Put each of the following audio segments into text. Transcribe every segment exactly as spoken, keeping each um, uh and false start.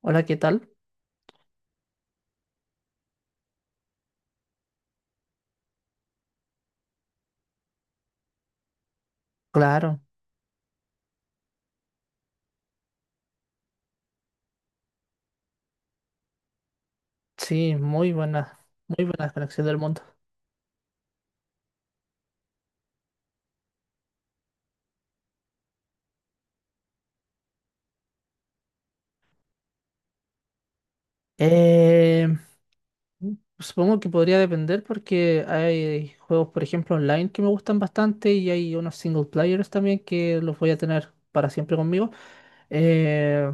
Hola, ¿qué tal? Claro, sí, muy buena, muy buena conexión del mundo. Eh, Supongo que podría depender porque hay juegos, por ejemplo, online que me gustan bastante y hay unos single players también que los voy a tener para siempre conmigo. Eh,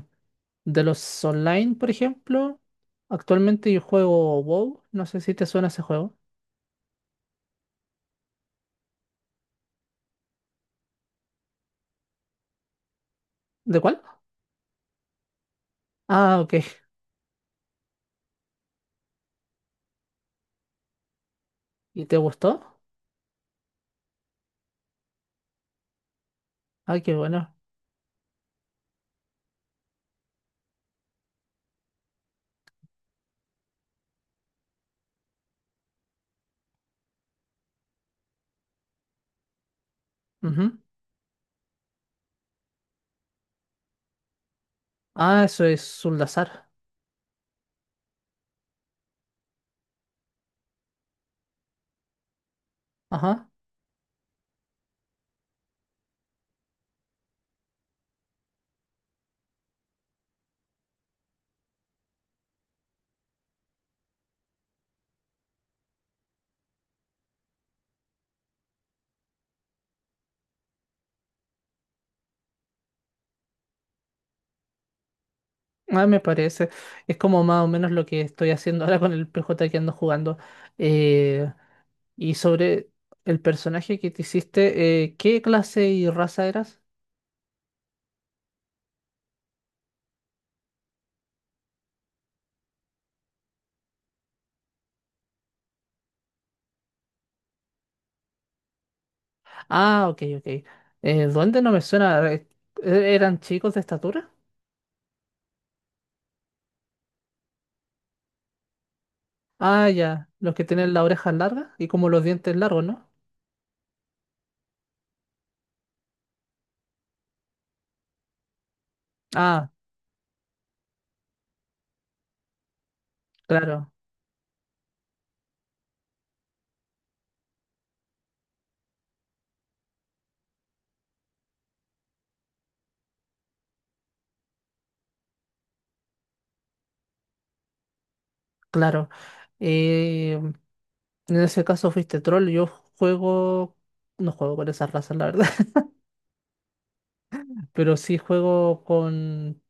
de los online, por ejemplo, actualmente yo juego WoW, no sé si te suena ese juego. ¿De cuál? Ah, ok. ¿Y te gustó? Ah, qué bueno. Ujú. Ah, eso es Zuldazar. Ajá. Ah, me parece. Es como más o menos lo que estoy haciendo ahora con el P J que ando jugando. Eh, y sobre el personaje que te hiciste, eh, ¿qué clase y raza eras? Ah, ok, ok. Eh, ¿duende no me suena? Eh, ¿e-, ¿Eran chicos de estatura? Ah, ya. Los que tienen las orejas largas y como los dientes largos, ¿no? Ah, claro, claro. Eh, en ese caso fuiste troll. Yo juego... No juego con esas razas, la verdad. Pero sí juego con,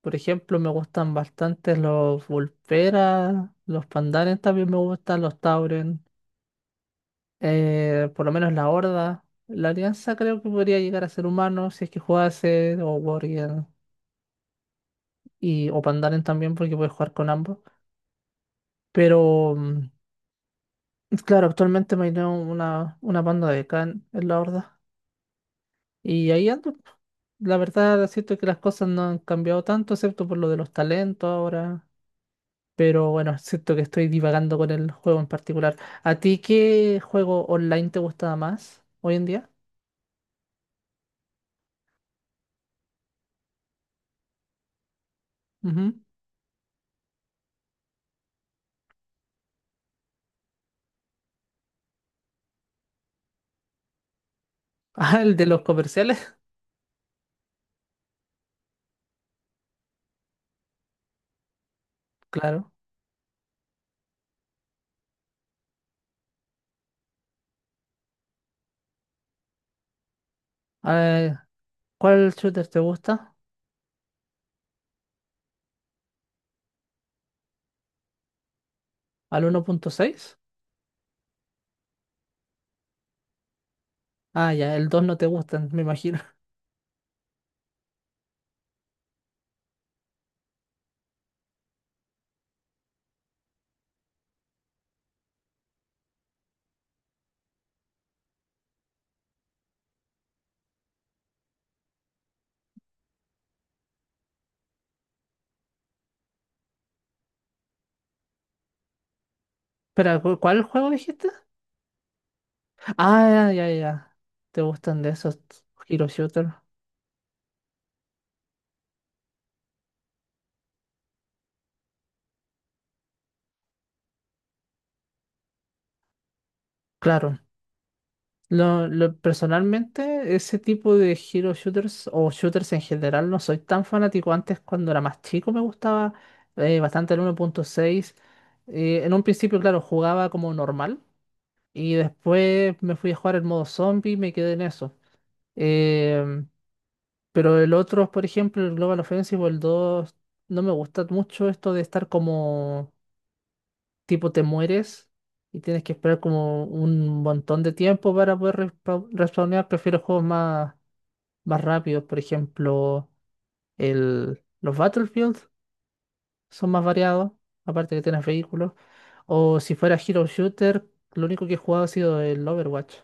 por ejemplo, me gustan bastante los Vulperas, los Pandaren también me gustan, los Tauren, eh, por lo menos la Horda. La Alianza creo que podría llegar a ser humano si es que jugase, o Warrior, y, o Pandaren también, porque puedes jugar con ambos. Pero, mm, claro, actualmente me dio una, una banda de Khan en la Horda. Y ahí ando. La verdad, siento que las cosas no han cambiado tanto, excepto por lo de los talentos ahora. Pero bueno, siento que estoy divagando con el juego en particular. ¿A ti qué juego online te gustaba más hoy en día? Ujú. Ah, el de los comerciales, claro. Eh, ¿Cuál shooter te gusta? ¿Al uno punto seis? Ah, ya, el dos no te gustan, me imagino. Espera, ¿cu- ¿cuál juego dijiste? Ah, ya, ya, ya. ¿Te gustan de esos hero shooter? Claro. Lo, lo- personalmente, ese tipo de hero shooters o shooters en general no soy tan fanático. Antes, cuando era más chico, me gustaba eh, bastante el uno punto seis. Eh, en un principio, claro, jugaba como normal y después me fui a jugar el modo zombie y me quedé en eso. Em, pero el otro, por ejemplo, el Global Offensive o el dos no me gusta mucho esto de estar como tipo te mueres y tienes que esperar como un montón de tiempo para poder respa- respawnear. Prefiero juegos más, más rápidos, por ejemplo, el, los Battlefield son más variados, aparte que tienes vehículos. O si fuera Hero Shooter, lo único que he jugado ha sido el Overwatch.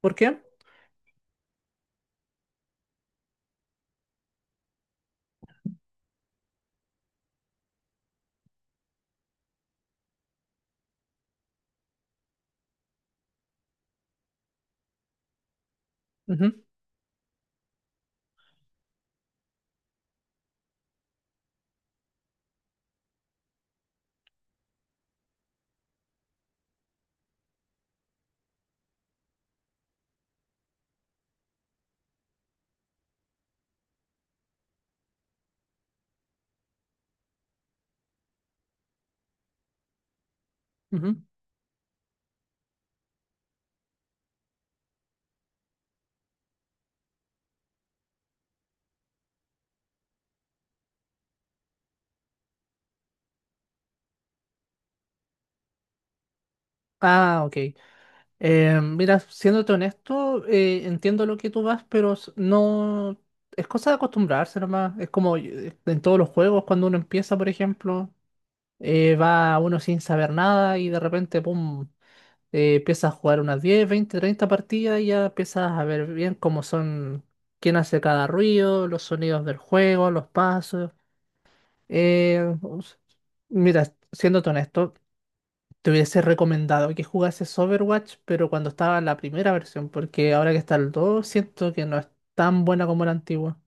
¿Por qué? Ujú, ujú. Ah, ok. Eh, mira, siéndote honesto, eh, entiendo lo que tú vas, pero s- no. Es cosa de acostumbrarse nomás. Es como eh, en todos los juegos, cuando uno empieza, por ejemplo, eh, va uno sin saber nada y de repente, pum, eh, empieza a jugar unas diez, veinte, treinta partidas y ya empiezas a ver bien cómo son, quién hace cada ruido, los sonidos del juego, los pasos. Eh, us- Mira, siéndote honesto. Te hubiese recomendado que jugases Overwatch, pero cuando estaba la primera versión, porque ahora que está el dos siento que no es tan buena como la antigua.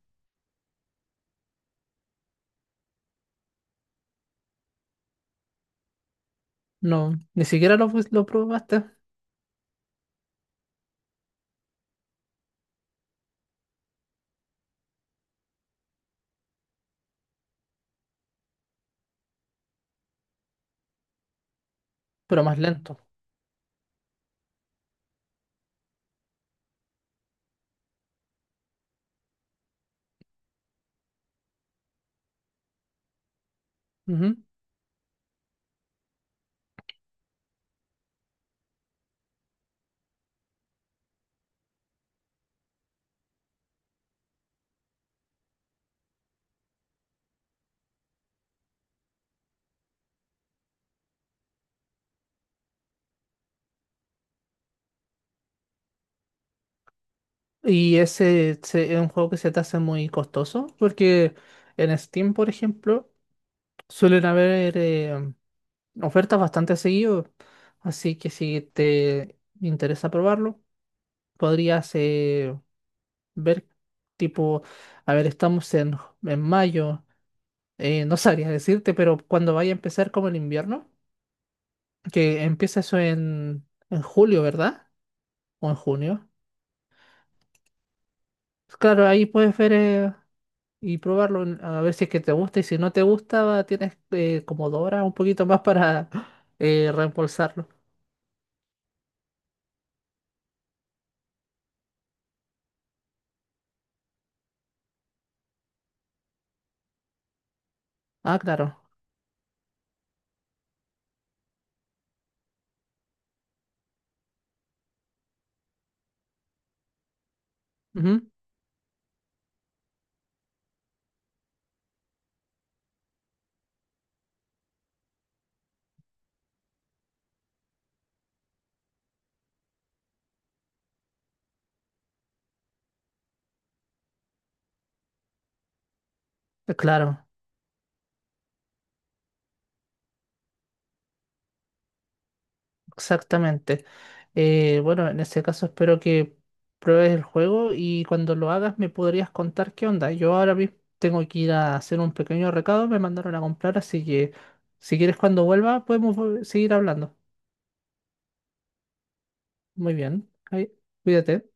No, ni siquiera lo, fuis- lo probaste, pero más lento. Ujú. Y ese se- es un juego que se te hace muy costoso, porque en Steam, por ejemplo, suelen haber eh, ofertas bastante seguido. Así que si te interesa probarlo, podrías eh, ver, tipo, a ver, estamos en, en mayo. Eh, no sabría decirte, pero cuando vaya a empezar como el invierno, que empieza eso en, en julio, ¿verdad? O en junio. Claro, ahí puedes ver eh, y probarlo, en- a ver si es que te gusta y si no te gusta, tienes eh, como dos horas, un poquito más para eh, reembolsarlo. Ah, claro. Ujú. eh, Claro. Exactamente. Eh, bueno, en ese caso espero que pruebes el juego y cuando lo hagas me podrías contar qué onda. Yo ahora mismo tengo que ir a hacer un pequeño recado, me mandaron a comprar, así que si quieres cuando vuelva podemos vol- seguir hablando. Muy bien, ahí, cuídate.